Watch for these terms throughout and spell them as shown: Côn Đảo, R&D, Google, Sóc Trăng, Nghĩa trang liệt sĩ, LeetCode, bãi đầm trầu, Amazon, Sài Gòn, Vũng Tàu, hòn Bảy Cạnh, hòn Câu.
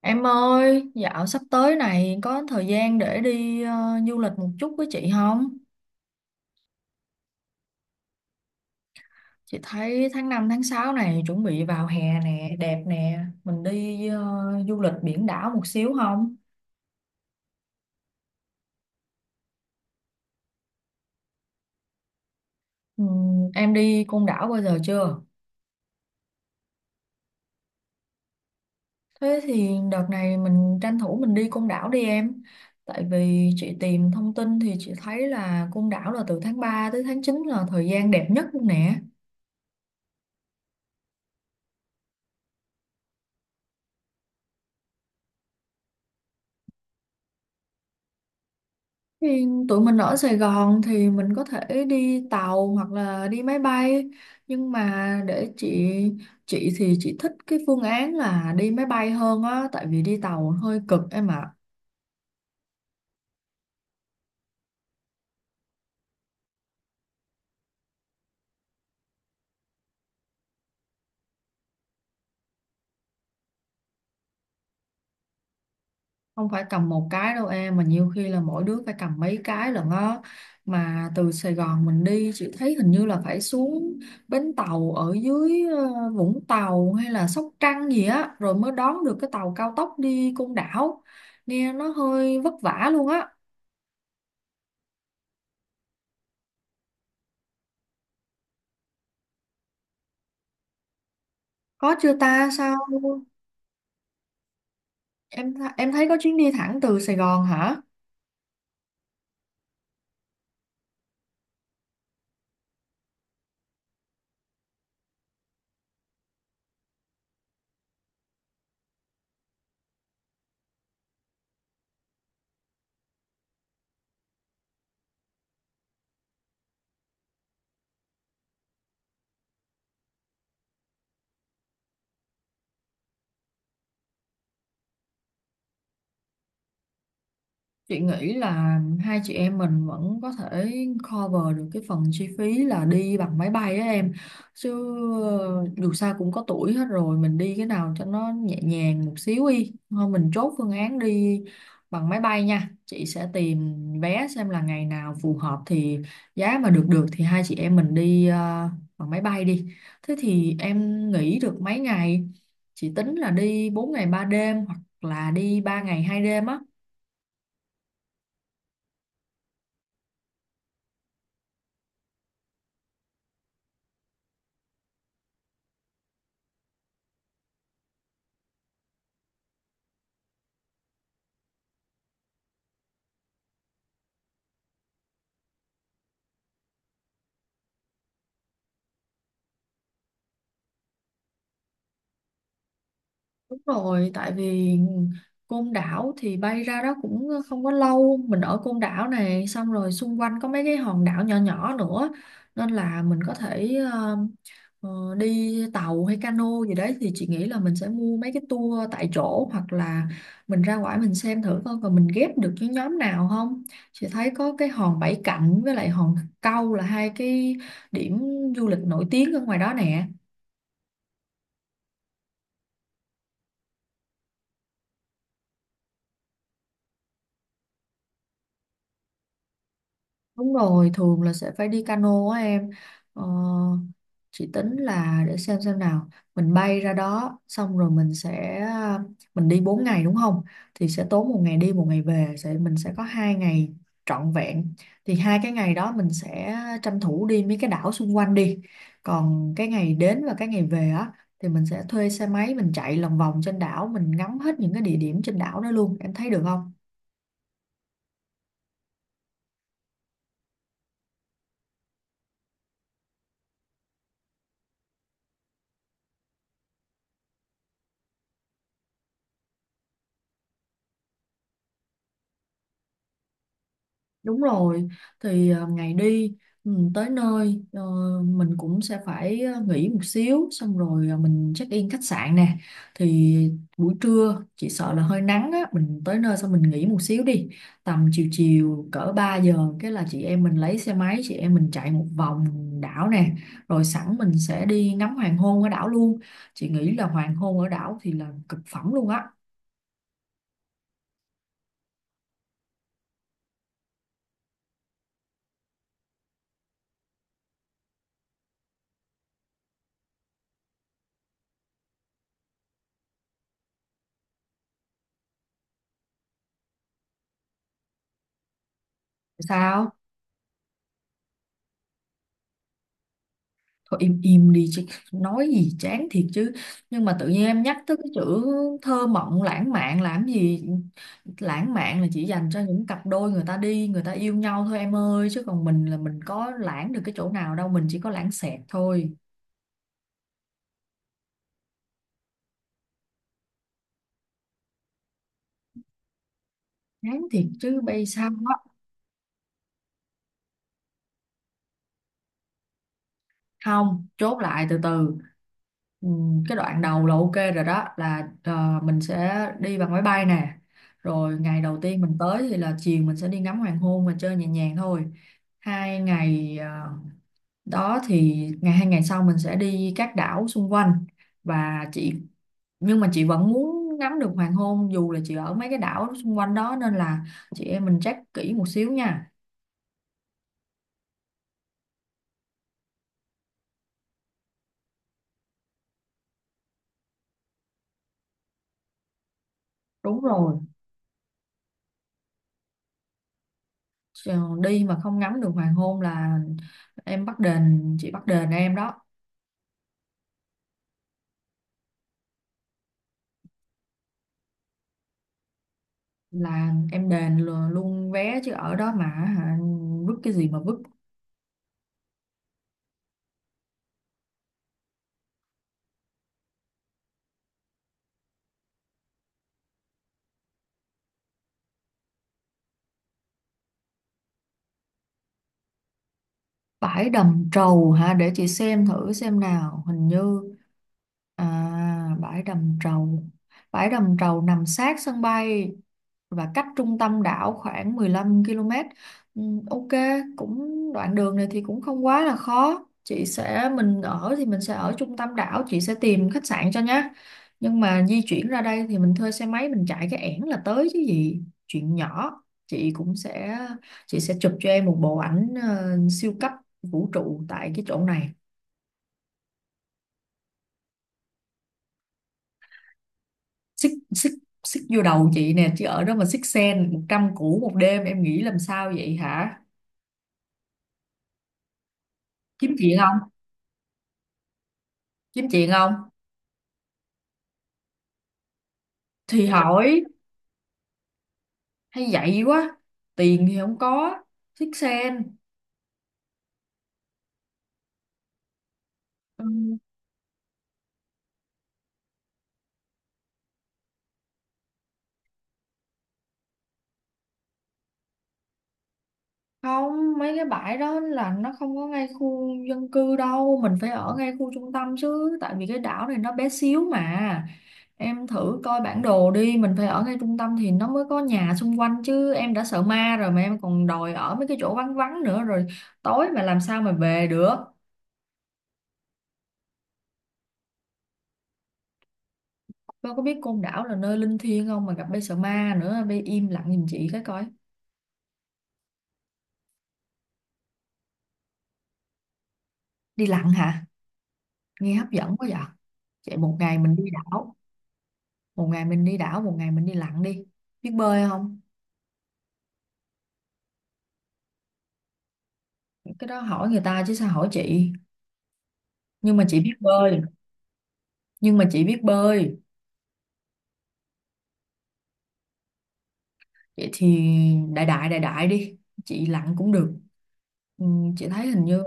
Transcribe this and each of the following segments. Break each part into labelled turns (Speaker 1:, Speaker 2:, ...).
Speaker 1: Em ơi, dạo sắp tới này có thời gian để đi du lịch một chút với chị không? Chị thấy tháng 5 tháng 6 này chuẩn bị vào hè nè, đẹp nè. Mình đi du lịch biển đảo một xíu không? Em đi Côn Đảo bao giờ chưa? Thế thì đợt này mình tranh thủ mình đi Côn Đảo đi em. Tại vì chị tìm thông tin thì chị thấy là Côn Đảo là từ tháng 3 tới tháng 9 là thời gian đẹp nhất luôn nè. Thì tụi mình ở Sài Gòn thì mình có thể đi tàu hoặc là đi máy bay, nhưng mà để chị thì chị thích cái phương án là đi máy bay hơn á, tại vì đi tàu hơi cực em ạ. Không phải cầm một cái đâu em mà nhiều khi là mỗi đứa phải cầm mấy cái lận á. Mà từ Sài Gòn mình đi chị thấy hình như là phải xuống bến tàu ở dưới Vũng Tàu hay là Sóc Trăng gì á, rồi mới đón được cái tàu cao tốc đi Côn Đảo, nghe nó hơi vất vả luôn á. Có chưa ta? Sao em thấy có chuyến đi thẳng từ Sài Gòn hả? Chị nghĩ là hai chị em mình vẫn có thể cover được cái phần chi phí là đi bằng máy bay á em. Chứ dù sao cũng có tuổi hết rồi, mình đi cái nào cho nó nhẹ nhàng một xíu đi. Thôi mình chốt phương án đi bằng máy bay nha. Chị sẽ tìm vé xem là ngày nào phù hợp, thì giá mà được được thì hai chị em mình đi bằng máy bay đi. Thế thì em nghỉ được mấy ngày? Chị tính là đi 4 ngày 3 đêm hoặc là đi 3 ngày 2 đêm á. Đúng rồi, tại vì Côn Đảo thì bay ra đó cũng không có lâu, mình ở Côn Đảo này xong rồi xung quanh có mấy cái hòn đảo nhỏ nhỏ nữa, nên là mình có thể ờ, đi tàu hay cano gì đấy, thì chị nghĩ là mình sẽ mua mấy cái tour tại chỗ hoặc là mình ra ngoài mình xem thử coi còn mình ghép được với nhóm nào không. Chị thấy có cái hòn Bảy Cạnh với lại hòn Câu là hai cái điểm du lịch nổi tiếng ở ngoài đó nè. Đúng rồi, thường là sẽ phải đi cano á em. Ờ, chị tính là để xem nào, mình bay ra đó xong rồi mình đi 4 ngày đúng không? Thì sẽ tốn một ngày đi một ngày về, mình sẽ có 2 ngày trọn vẹn. Thì hai cái ngày đó mình sẽ tranh thủ đi mấy cái đảo xung quanh đi. Còn cái ngày đến và cái ngày về á thì mình sẽ thuê xe máy mình chạy lòng vòng trên đảo, mình ngắm hết những cái địa điểm trên đảo đó luôn. Em thấy được không? Đúng rồi, thì ngày đi tới nơi mình cũng sẽ phải nghỉ một xíu xong rồi mình check in khách sạn nè. Thì buổi trưa chỉ sợ là hơi nắng á, mình tới nơi xong mình nghỉ một xíu đi. Tầm chiều chiều cỡ 3 giờ cái là chị em mình lấy xe máy, chị em mình chạy một vòng đảo nè, rồi sẵn mình sẽ đi ngắm hoàng hôn ở đảo luôn. Chị nghĩ là hoàng hôn ở đảo thì là cực phẩm luôn á. Sao? Thôi im im đi chứ, nói gì chán thiệt chứ. Nhưng mà tự nhiên em nhắc tới cái chữ thơ mộng lãng mạn làm gì. Lãng mạn là chỉ dành cho những cặp đôi người ta đi người ta yêu nhau thôi em ơi, chứ còn mình là mình có lãng được cái chỗ nào đâu, mình chỉ có lãng xẹt thôi. Chán thiệt chứ bây, sao không chốt lại từ từ. Cái đoạn đầu là ok rồi, đó là mình sẽ đi bằng máy bay nè, rồi ngày đầu tiên mình tới thì là chiều mình sẽ đi ngắm hoàng hôn và chơi nhẹ nhàng thôi. 2 ngày đó thì 2 ngày sau mình sẽ đi các đảo xung quanh, và chị nhưng mà chị vẫn muốn ngắm được hoàng hôn dù là chị ở mấy cái đảo xung quanh đó, nên là chị em mình check kỹ một xíu nha. Đúng rồi. Ờ, đi mà không ngắm được hoàng hôn là em bắt đền chị bắt đền em đó, là em đền luôn vé chứ ở đó mà hả, vứt cái gì mà vứt. Bãi đầm trầu hả? Để chị xem thử xem nào. Hình như à vải đầm trầu. Bãi đầm trầu nằm sát sân bay và cách trung tâm đảo khoảng 15 km. Ừ, ok, cũng đoạn đường này thì cũng không quá là khó. Chị sẽ mình ở thì mình sẽ ở trung tâm đảo, chị sẽ tìm khách sạn cho nhá. Nhưng mà di chuyển ra đây thì mình thuê xe máy mình chạy cái ẻn là tới chứ gì, chuyện nhỏ. Chị cũng sẽ chị sẽ chụp cho em một bộ ảnh siêu cấp vũ trụ tại cái chỗ này. Xích xích xích vô đầu chị nè, chứ ở đó mà xích sen 100 củ một đêm em nghĩ làm sao vậy hả. Kiếm chuyện không? Kiếm chuyện không? Thì hỏi. Hay vậy quá. Tiền thì không có. Xích sen. Ừ. Không, mấy cái bãi đó là nó không có ngay khu dân cư đâu, mình phải ở ngay khu trung tâm chứ, tại vì cái đảo này nó bé xíu mà. Em thử coi bản đồ đi, mình phải ở ngay trung tâm thì nó mới có nhà xung quanh chứ, em đã sợ ma rồi mà em còn đòi ở mấy cái chỗ vắng vắng nữa, rồi tối mà làm sao mà về được. Con có biết Côn Đảo là nơi linh thiêng không mà gặp bê sợ ma nữa, bê im lặng giùm chị cái coi. Đi lặn hả? Nghe hấp dẫn quá vậy. Vậy một ngày mình đi đảo, một ngày mình đi lặn đi. Biết bơi không? Cái đó hỏi người ta chứ sao hỏi chị. Nhưng mà chị biết bơi, nhưng mà chị biết bơi. Vậy thì đại đại đại đại đi. Chị lặn cũng được. ừ, Chị thấy hình như.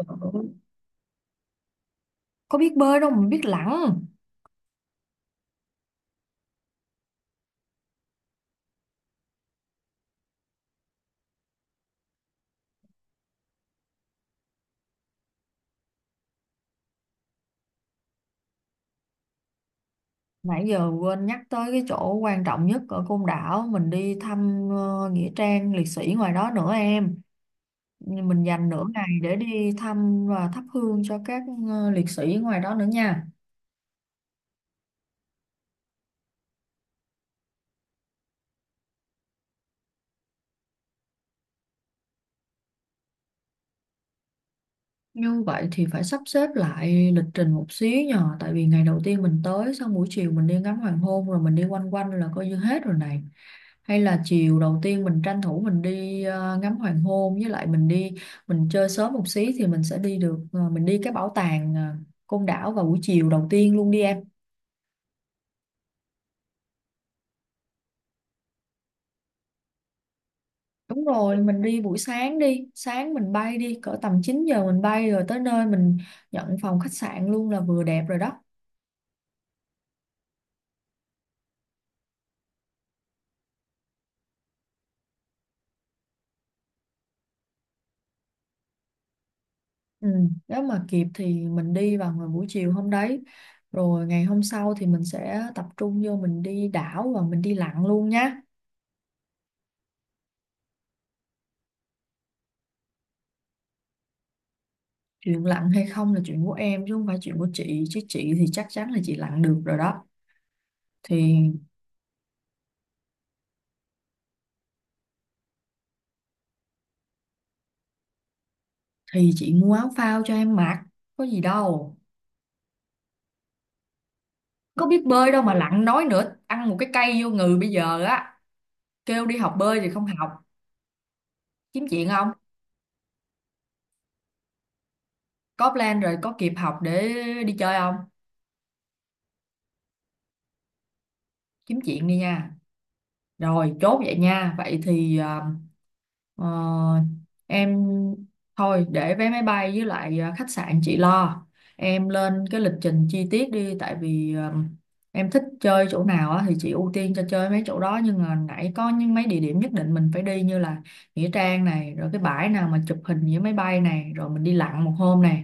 Speaker 1: Có biết bơi đâu mà biết lặn. Nãy giờ quên nhắc tới cái chỗ quan trọng nhất ở Côn Đảo. Mình đi thăm Nghĩa trang liệt sĩ ngoài đó nữa em. Nhưng mình dành nửa ngày để đi thăm và thắp hương cho các liệt sĩ ngoài đó nữa nha. Như vậy thì phải sắp xếp lại lịch trình một xíu nhờ. Tại vì ngày đầu tiên mình tới xong buổi chiều mình đi ngắm hoàng hôn rồi mình đi quanh quanh là coi như hết rồi này. Hay là chiều đầu tiên mình tranh thủ mình đi ngắm hoàng hôn, với lại mình chơi sớm một xí thì mình sẽ đi được ờ, mình đi cái bảo tàng Côn Đảo vào buổi chiều đầu tiên luôn đi em. Đúng rồi mình đi buổi sáng đi. Sáng mình bay đi, cỡ tầm 9 giờ mình bay, rồi tới nơi mình nhận phòng khách sạn luôn là vừa đẹp rồi đó. Ừ, nếu mà kịp thì mình đi vào ngày buổi chiều hôm đấy, rồi ngày hôm sau thì mình sẽ tập trung vô mình đi đảo và mình đi lặn luôn nhá. Chuyện lặn hay không là chuyện của em chứ không phải chuyện của chị, chứ chị thì chắc chắn là chị lặn được rồi đó. Thì thì chị mua áo phao cho em mặc, có gì đâu. Có biết bơi đâu mà lặn, nói nữa ăn một cái cây vô người bây giờ á. Kêu đi học bơi thì không học. Kiếm chuyện không. Có plan rồi, có kịp học để đi chơi không. Kiếm chuyện đi nha. Rồi chốt vậy nha, vậy thì Ờ, em thôi để vé máy bay với lại khách sạn chị lo. Em lên cái lịch trình chi tiết đi, tại vì em thích chơi chỗ nào á, thì chị ưu tiên cho chơi mấy chỗ đó, nhưng mà nãy có những mấy địa điểm nhất định mình phải đi như là nghĩa trang này, rồi cái bãi nào mà chụp hình với máy bay này, rồi mình đi lặn một hôm này.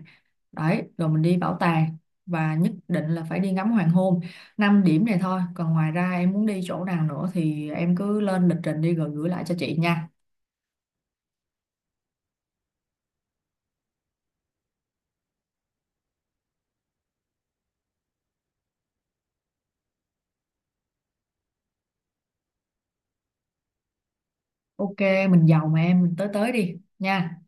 Speaker 1: Đấy, rồi mình đi bảo tàng và nhất định là phải đi ngắm hoàng hôn. 5 điểm này thôi, còn ngoài ra em muốn đi chỗ nào nữa thì em cứ lên lịch trình đi rồi gửi lại cho chị nha. Ok, mình giàu mà em, mình tới tới đi nha.